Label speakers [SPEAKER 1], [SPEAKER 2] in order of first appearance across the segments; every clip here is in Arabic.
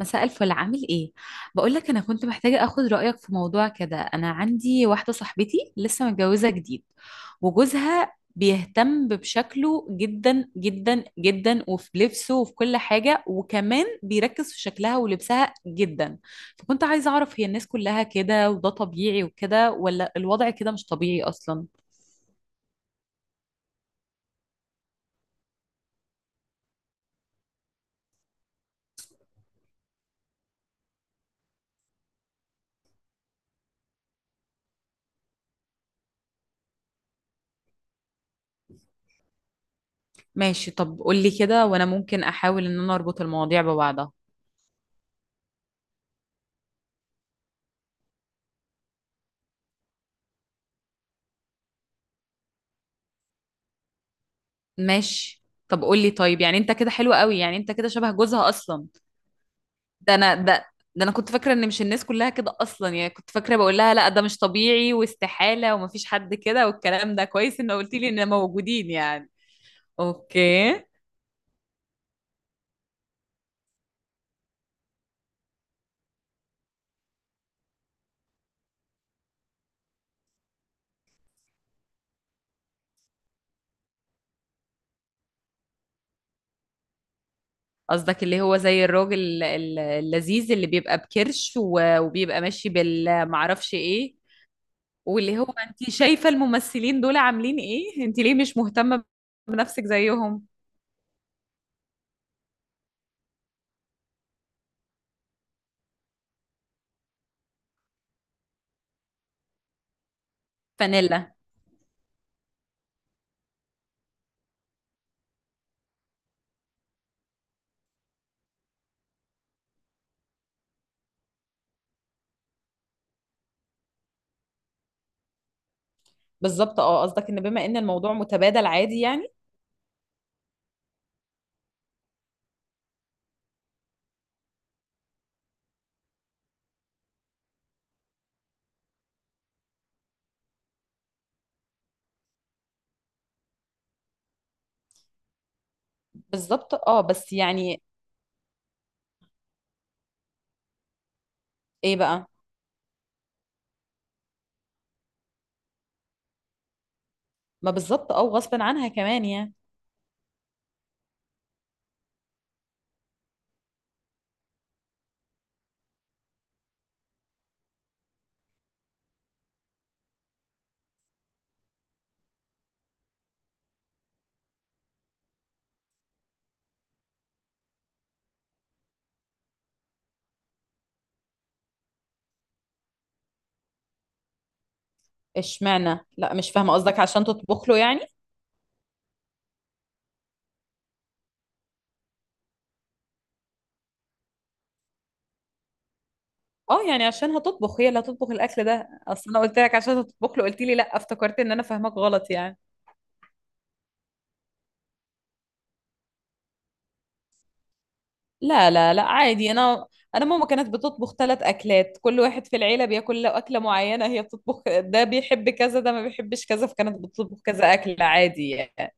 [SPEAKER 1] مساء الفل، عامل ايه؟ بقول لك انا كنت محتاجه اخد رايك في موضوع كده. انا عندي واحده صاحبتي لسه متجوزه جديد، وجوزها بيهتم بشكله جدا جدا جدا، وفي لبسه وفي كل حاجه، وكمان بيركز في شكلها ولبسها جدا. فكنت عايزه اعرف، هي الناس كلها كده وده طبيعي وكده، ولا الوضع كده مش طبيعي اصلا؟ ماشي، طب قولي كده وانا ممكن احاول ان انا اربط المواضيع ببعضها. ماشي، طب قول لي. طيب يعني انت كده حلو قوي، يعني انت كده شبه جوزها اصلا. ده انا ده ده انا كنت فاكره ان مش الناس كلها كده اصلا، يعني كنت فاكره بقول لها لا، ده مش طبيعي واستحاله ومفيش حد كده، والكلام ده كويس ان قلت لي ان موجودين يعني. اوكي. قصدك اللي هو زي الراجل اللذيذ اللي بيبقى بكرش وبيبقى ماشي بالمعرفش ايه؟ واللي هو انت شايفه الممثلين دول عاملين ايه، انت ليه مش مهتمه بنفسك زيهم؟ فانيلا. بالظبط، اه. قصدك ان بما ان الموضوع متبادل عادي يعني. بالظبط، اه، بس يعني. ايه بقى؟ ما بالظبط، اه، غصب عنها كمان يعني. اشمعنى؟ لا، مش فاهمه قصدك، عشان تطبخ له يعني؟ اه، يعني عشان هتطبخ، هي اللي هتطبخ الاكل ده؟ اصل انا قلت لك عشان هتطبخ له قلت لي لا، افتكرت ان انا فاهمك غلط يعني. لا لا لا، عادي. انا ماما كانت بتطبخ 3 اكلات، كل واحد في العيله بياكل له اكله معينه، هي بتطبخ ده بيحب كذا، ده ما بيحبش كذا، فكانت بتطبخ كذا اكل عادي يعني.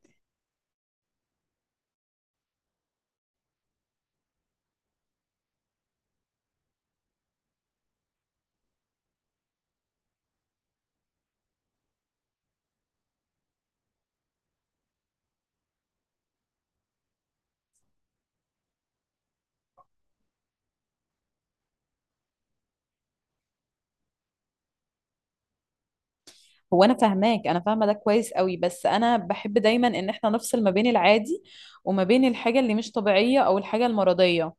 [SPEAKER 1] هو انا فاهماك، انا فاهمه ده كويس قوي، بس انا بحب دايما ان احنا نفصل ما بين العادي وما بين الحاجه اللي مش طبيعيه او الحاجه المرضيه.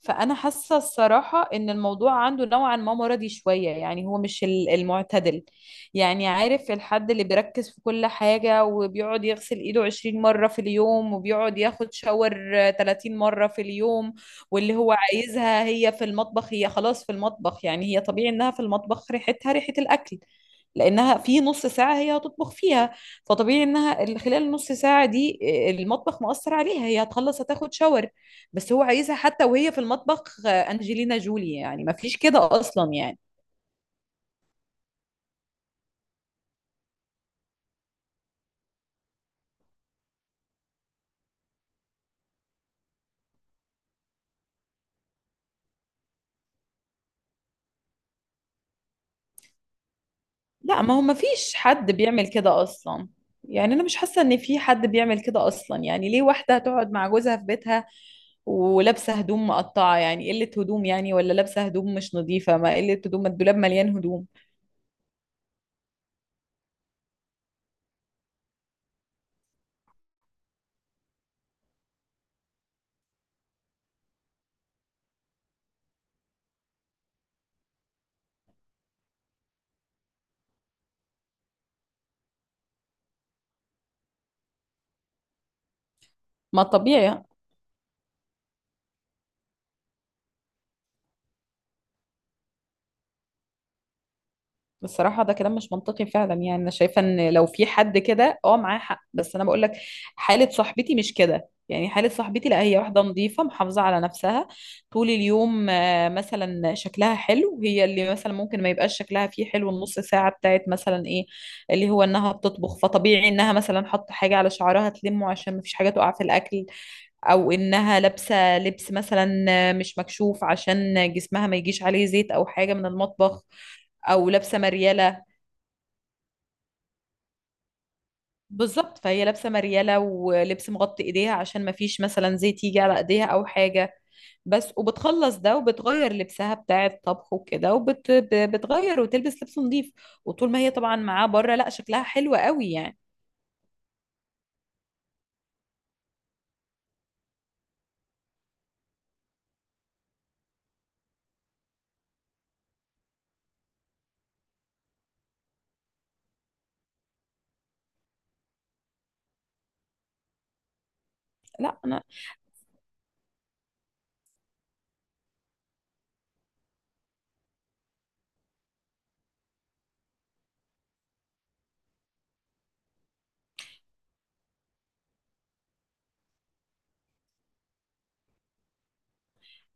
[SPEAKER 1] فانا حاسه الصراحه ان الموضوع عنده نوعا ما مرضي شويه، يعني هو مش المعتدل. يعني عارف الحد اللي بيركز في كل حاجه وبيقعد يغسل ايده 20 مره في اليوم وبيقعد ياخد شاور 30 مره في اليوم، واللي هو عايزها هي في المطبخ. هي خلاص في المطبخ، يعني هي طبيعي انها في المطبخ ريحتها ريحه الاكل، لانها في نص ساعه هي هتطبخ فيها. فطبيعي انها خلال النص ساعه دي المطبخ مؤثر عليها، هي هتخلص هتاخد شاور. بس هو عايزها حتى وهي في المطبخ آه، أنجلينا جولي، يعني ما فيش كده أصلا يعني. لا. ما هو ما فيش حد بيعمل كده أصلا، يعني أنا مش حاسة إن في حد بيعمل كده أصلا. يعني ليه واحدة هتقعد مع جوزها في بيتها ولابسة هدوم مقطعة؟ يعني قلة هدوم يعني؟ ولا لابسة هدوم مش نظيفة؟ ما قلة هدوم، ما الدولاب مليان هدوم. ما طبيعي. بصراحة ده كلام مش منطقي فعلا، يعني أنا شايفة إن لو في حد كده أه معاه حق، بس أنا بقول لك حالة صاحبتي مش كده. يعني حالة صاحبتي لا، هي واحدة نظيفة محافظة على نفسها طول اليوم آه، مثلا شكلها حلو. هي اللي مثلا ممكن ما يبقاش شكلها فيه حلو النص ساعة بتاعت مثلا إيه، اللي هو إنها بتطبخ. فطبيعي إنها مثلا حط حاجة على شعرها تلمه عشان مفيش حاجة تقع في الأكل، أو إنها لابسة لبس مثلا آه، مش مكشوف عشان جسمها ما يجيش عليه زيت أو حاجة من المطبخ، أو لابسة مريالة. بالظبط، فهي لابسه مرياله ولبس مغطي ايديها عشان ما فيش مثلا زيت يجي على ايديها او حاجه. بس وبتخلص ده وبتغير لبسها بتاع الطبخ وكده وبتغير وتلبس لبس نظيف. وطول ما هي طبعا معاه بره لا، شكلها حلو قوي يعني. لا،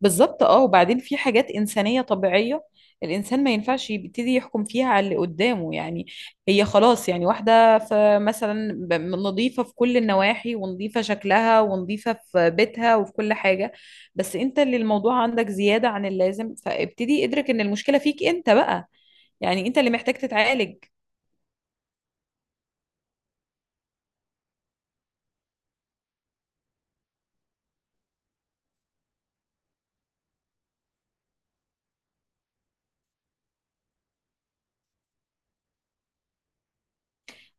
[SPEAKER 1] بالظبط اه. وبعدين في حاجات إنسانية طبيعية، الإنسان ما ينفعش يبتدي يحكم فيها على اللي قدامه يعني. هي خلاص يعني واحدة في مثلا نظيفة في كل النواحي، ونظيفة شكلها، ونظيفة في بيتها وفي كل حاجة. بس انت اللي الموضوع عندك زيادة عن اللازم، فابتدي ادرك ان المشكلة فيك انت بقى. يعني انت اللي محتاج تتعالج.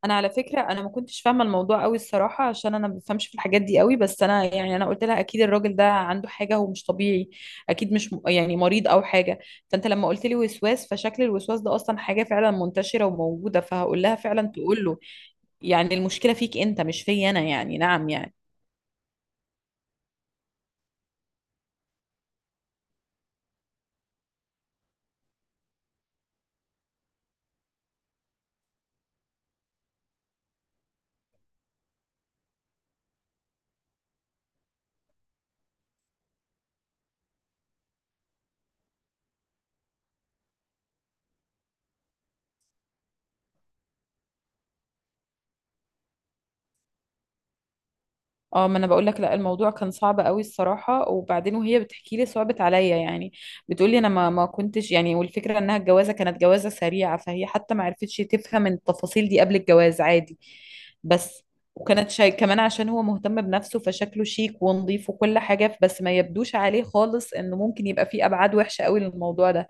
[SPEAKER 1] انا على فكره انا ما كنتش فاهمه الموضوع قوي الصراحه، عشان انا ما بفهمش في الحاجات دي قوي، بس انا يعني انا قلت لها اكيد الراجل ده عنده حاجه، هو مش طبيعي، اكيد مش يعني مريض او حاجه. فانت لما قلت لي وسواس، فشكل الوسواس ده اصلا حاجه فعلا منتشره وموجوده، فهقول لها فعلا تقول له يعني المشكله فيك انت، مش فيا انا، يعني نعم يعني. اه، ما انا بقول لك لا، الموضوع كان صعب قوي الصراحه. وبعدين وهي بتحكي لي صعبت عليا يعني، بتقول لي انا ما كنتش يعني. والفكره انها الجوازه كانت جوازه سريعه، فهي حتى ما عرفتش تفهم التفاصيل دي قبل الجواز عادي. بس وكانت شاي كمان عشان هو مهتم بنفسه، فشكله شيك ونظيف وكل حاجه، بس ما يبدوش عليه خالص انه ممكن يبقى فيه ابعاد وحشه قوي للموضوع ده.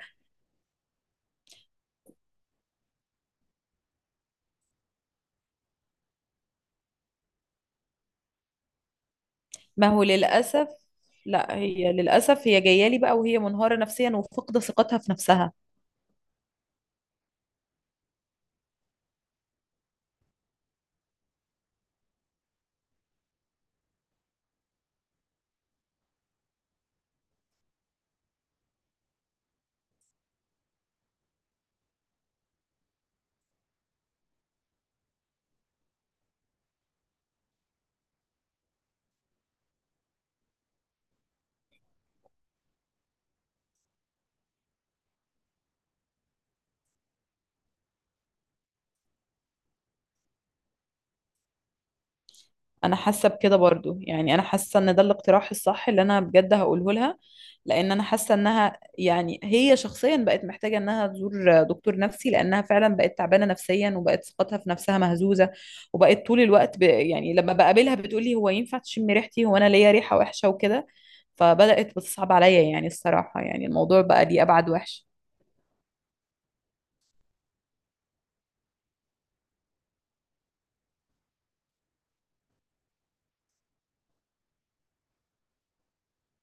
[SPEAKER 1] ما هو للاسف، لا هي للاسف هي جايه لي بقى وهي منهاره نفسيا وفقد ثقتها في نفسها. انا حاسه بكده برضو، يعني انا حاسه ان ده الاقتراح الصح اللي انا بجد هقوله لها، لان انا حاسه انها يعني هي شخصيا بقت محتاجه انها تزور دكتور نفسي، لانها فعلا بقت تعبانه نفسيا وبقت ثقتها في نفسها مهزوزه. وبقت طول الوقت يعني لما بقابلها بتقولي هو ينفع تشم ريحتي؟ هو انا ليا ريحه وحشه وكده؟ فبدات بتصعب عليا يعني الصراحه، يعني الموضوع بقى ليه ابعد وحش.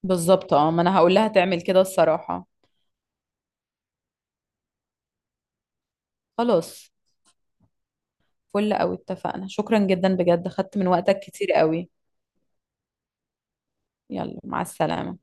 [SPEAKER 1] بالظبط اه، ما انا هقول لها تعمل كده الصراحه. خلاص، فل قوي، اتفقنا. شكرا جدا بجد، خدت من وقتك كتير قوي. يلا، مع السلامة.